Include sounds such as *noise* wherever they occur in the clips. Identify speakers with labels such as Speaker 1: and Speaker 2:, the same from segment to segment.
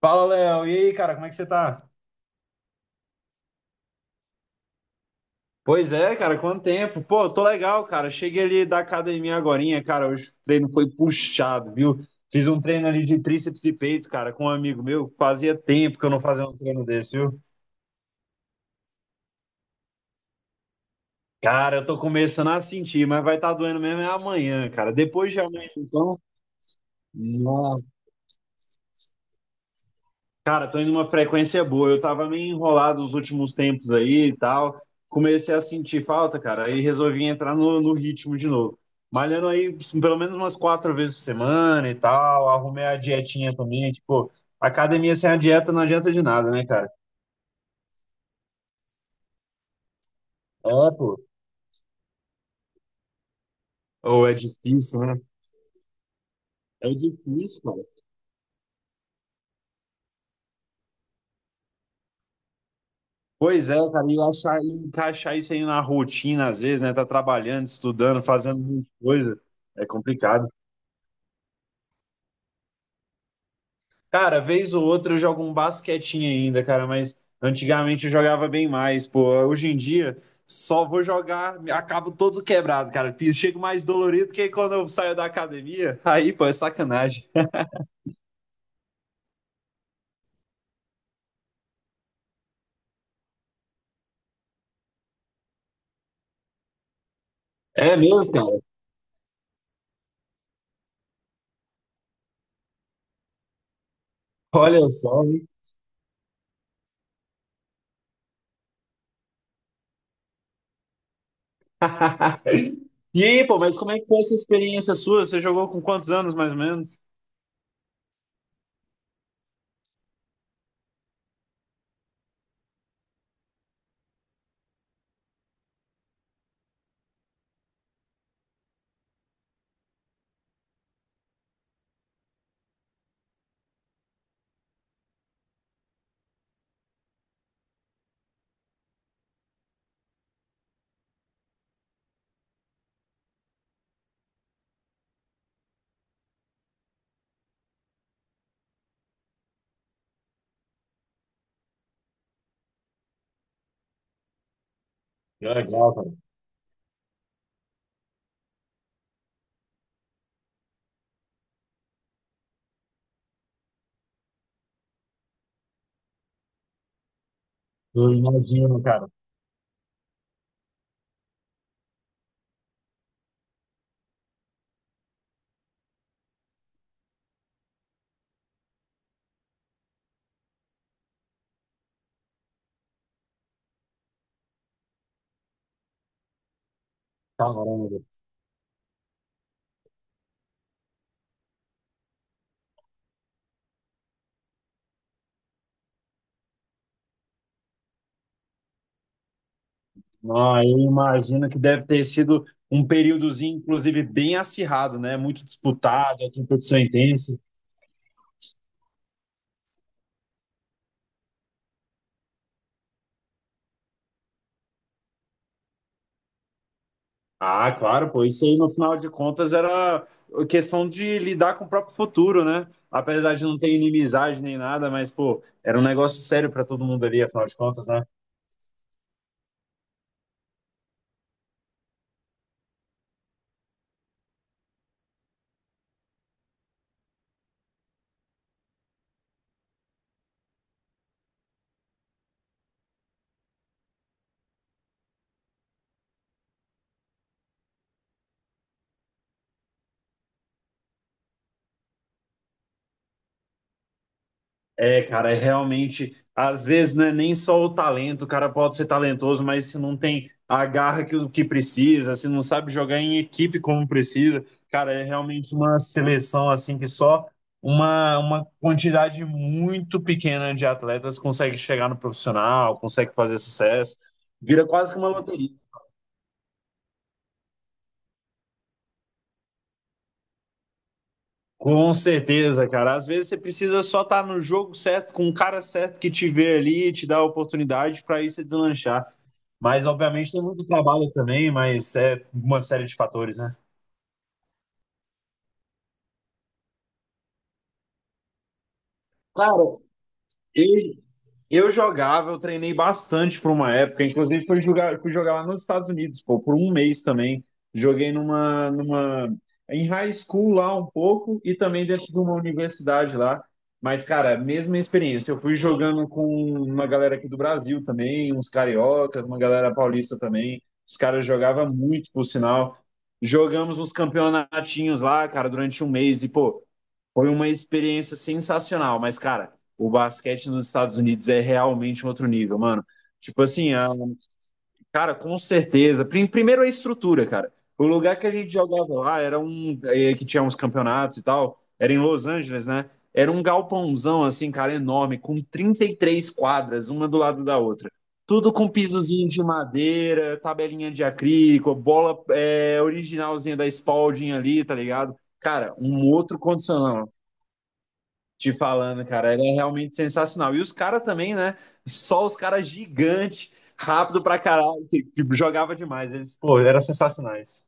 Speaker 1: Fala, Léo. E aí, cara, como é que você tá? Pois é, cara, quanto tempo? Pô, tô legal, cara. Cheguei ali da academia agorinha, cara. Hoje o treino foi puxado, viu? Fiz um treino ali de tríceps e peitos, cara, com um amigo meu. Fazia tempo que eu não fazia um treino desse, viu? Cara, eu tô começando a sentir, mas vai estar doendo mesmo é amanhã, cara. Depois de amanhã, então. Cara, tô indo numa frequência boa. Eu tava meio enrolado nos últimos tempos aí e tal. Comecei a sentir falta, cara. Aí resolvi entrar no ritmo de novo. Malhando aí pelo menos umas quatro vezes por semana e tal. Arrumei a dietinha também. Tipo, academia sem a dieta não adianta de nada, né, cara? É, pô. Ou é difícil, né? É difícil, cara. Pois é, cara. E achar, e encaixar isso aí na rotina, às vezes, né? Tá trabalhando, estudando, fazendo muita coisa. É complicado. Cara, vez ou outra eu jogo um basquetinho ainda, cara, mas antigamente eu jogava bem mais, pô. Hoje em dia só vou jogar, acabo todo quebrado, cara. Chego mais dolorido que quando eu saio da academia. Aí, pô, é sacanagem. É mesmo, cara? Olha só, hein? *laughs* E aí, pô, mas como é que foi essa experiência sua? Você jogou com quantos anos, mais ou menos? Que legal, cara. Eu imagino, cara. Caramba. Ah, eu imagino que deve ter sido um períodozinho, inclusive, bem acirrado, né? Muito disputado, a competição intensa. Ah, claro, pô, isso aí no final de contas era questão de lidar com o próprio futuro, né? Apesar de não ter inimizade nem nada, mas, pô, era um negócio sério para todo mundo ali, afinal de contas, né? É, cara, é realmente. Às vezes não é nem só o talento, o cara pode ser talentoso, mas se não tem a garra que precisa, se não sabe jogar em equipe como precisa, cara, é realmente uma seleção assim que só uma quantidade muito pequena de atletas consegue chegar no profissional, consegue fazer sucesso. Vira quase que uma loteria. Com certeza, cara. Às vezes você precisa só estar no jogo certo, com o cara certo que te vê ali e te dá a oportunidade para isso deslanchar. Mas, obviamente, tem muito trabalho também, mas é uma série de fatores, né? Cara, eu, Eu jogava, eu treinei bastante por uma época, inclusive fui jogar lá nos Estados Unidos, pô, por um mês também. Joguei em high school lá um pouco e também dentro de uma universidade lá. Mas, cara, mesma experiência. Eu fui jogando com uma galera aqui do Brasil também, uns cariocas, uma galera paulista também. Os caras jogavam muito, por sinal. Jogamos uns campeonatinhos lá, cara, durante um mês. E, pô, foi uma experiência sensacional, mas, cara, o basquete nos Estados Unidos é realmente um outro nível, mano. Tipo assim, a- Cara, com certeza. Primeiro a estrutura, cara. O lugar que a gente jogava lá era um. Que tinha uns campeonatos e tal. Era em Los Angeles, né? Era um galpãozão, assim, cara, enorme, com 33 quadras, uma do lado da outra. Tudo com pisozinho de madeira, tabelinha de acrílico, bola originalzinha da Spalding ali, tá ligado? Cara, um outro condicional. Te falando, cara, ele é realmente sensacional. E os caras também, né? Só os caras gigantes, rápido pra caralho, que jogava demais. Eles, pô, eram sensacionais.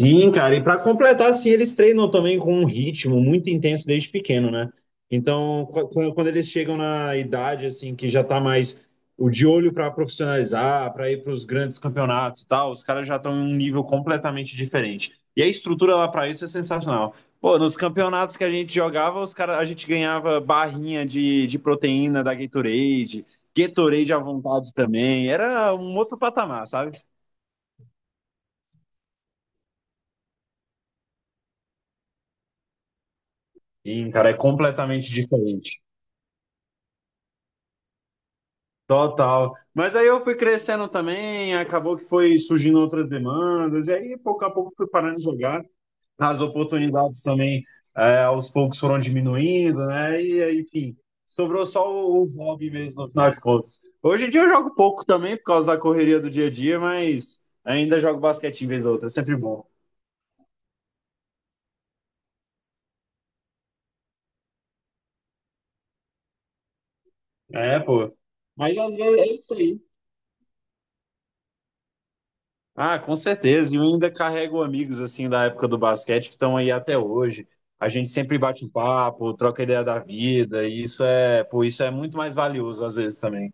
Speaker 1: Sim, cara, e para completar, assim, eles treinam também com um ritmo muito intenso desde pequeno, né? Então, quando eles chegam na idade, assim, que já tá mais o de olho para profissionalizar, para ir para os grandes campeonatos e tal, os caras já estão em um nível completamente diferente. E a estrutura lá para isso é sensacional. Pô, nos campeonatos que a gente jogava, os cara, a gente ganhava barrinha de proteína da Gatorade, Gatorade à vontade também. Era um outro patamar, sabe? Sim, cara, é completamente diferente. Total. Mas aí eu fui crescendo também, acabou que foi surgindo outras demandas, e aí pouco a pouco fui parando de jogar. As oportunidades também, é, aos poucos foram diminuindo, né? E aí, enfim, sobrou só o hobby mesmo, no final de contas. Hoje em dia eu jogo pouco também, por causa da correria do dia a dia, mas ainda jogo basquete em vez ou outra, é sempre bom. É, pô. Mas às vezes é isso aí. Ah, com certeza. E eu ainda carrego amigos assim da época do basquete que estão aí até hoje. A gente sempre bate um papo, troca ideia da vida, e isso é, pô, isso é muito mais valioso às vezes também.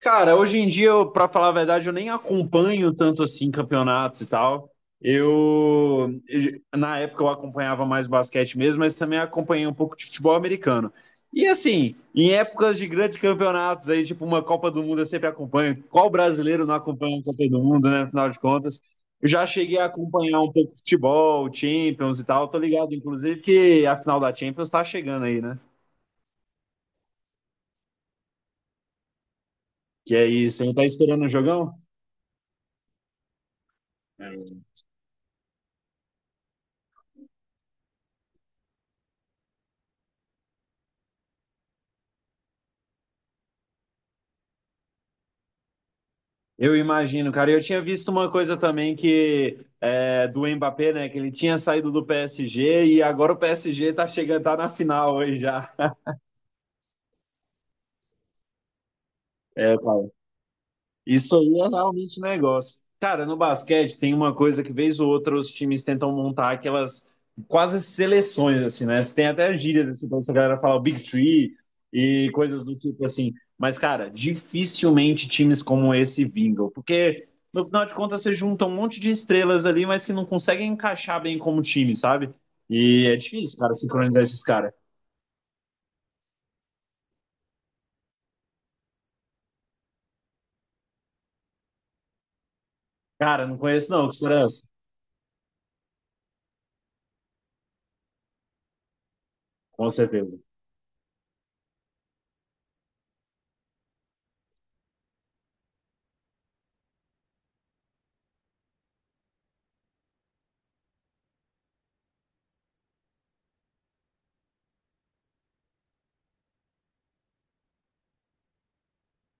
Speaker 1: Cara, hoje em dia, eu, pra falar a verdade, eu nem acompanho tanto assim campeonatos e tal. Na época eu acompanhava mais basquete mesmo, mas também acompanhei um pouco de futebol americano. E assim, em épocas de grandes campeonatos aí, tipo uma Copa do Mundo, eu sempre acompanho. Qual brasileiro não acompanha uma Copa do Mundo, né? Afinal de contas, eu já cheguei a acompanhar um pouco futebol, Champions e tal. Tô ligado, inclusive, que a final da Champions tá chegando aí, né? Que aí, você não tá esperando o jogão? Eu imagino, cara. Eu tinha visto uma coisa também que é, do Mbappé, né? Que ele tinha saído do PSG e agora o PSG tá chegando, tá na final aí já. É, cara. Isso aí é realmente negócio. Cara, no basquete tem uma coisa que vez ou outra os times tentam montar aquelas quase seleções, assim, né? Tem até gírias, assim, pra essa galera falar o Big Three e coisas do tipo assim. Mas, cara, dificilmente times como esse vingam, porque no final de contas você junta um monte de estrelas ali, mas que não conseguem encaixar bem como time, sabe? E é difícil, cara, sincronizar esses caras. Cara, não conheço não, que história é essa? Com certeza.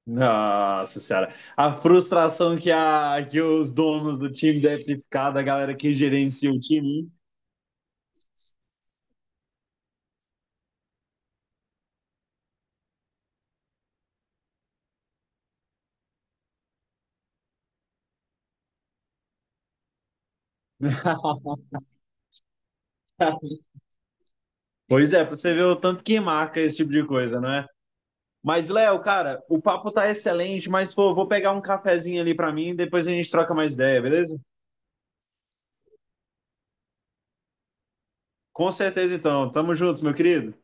Speaker 1: Nossa senhora, a frustração que, a, que os donos do time devem ficar, da galera que gerencia o time. *laughs* Pois é, pra você ver o tanto que marca esse tipo de coisa, não é? Mas, Léo, cara, o papo tá excelente, mas pô, vou pegar um cafezinho ali pra mim e depois a gente troca mais ideia, beleza? Com certeza então, tamo junto, meu querido.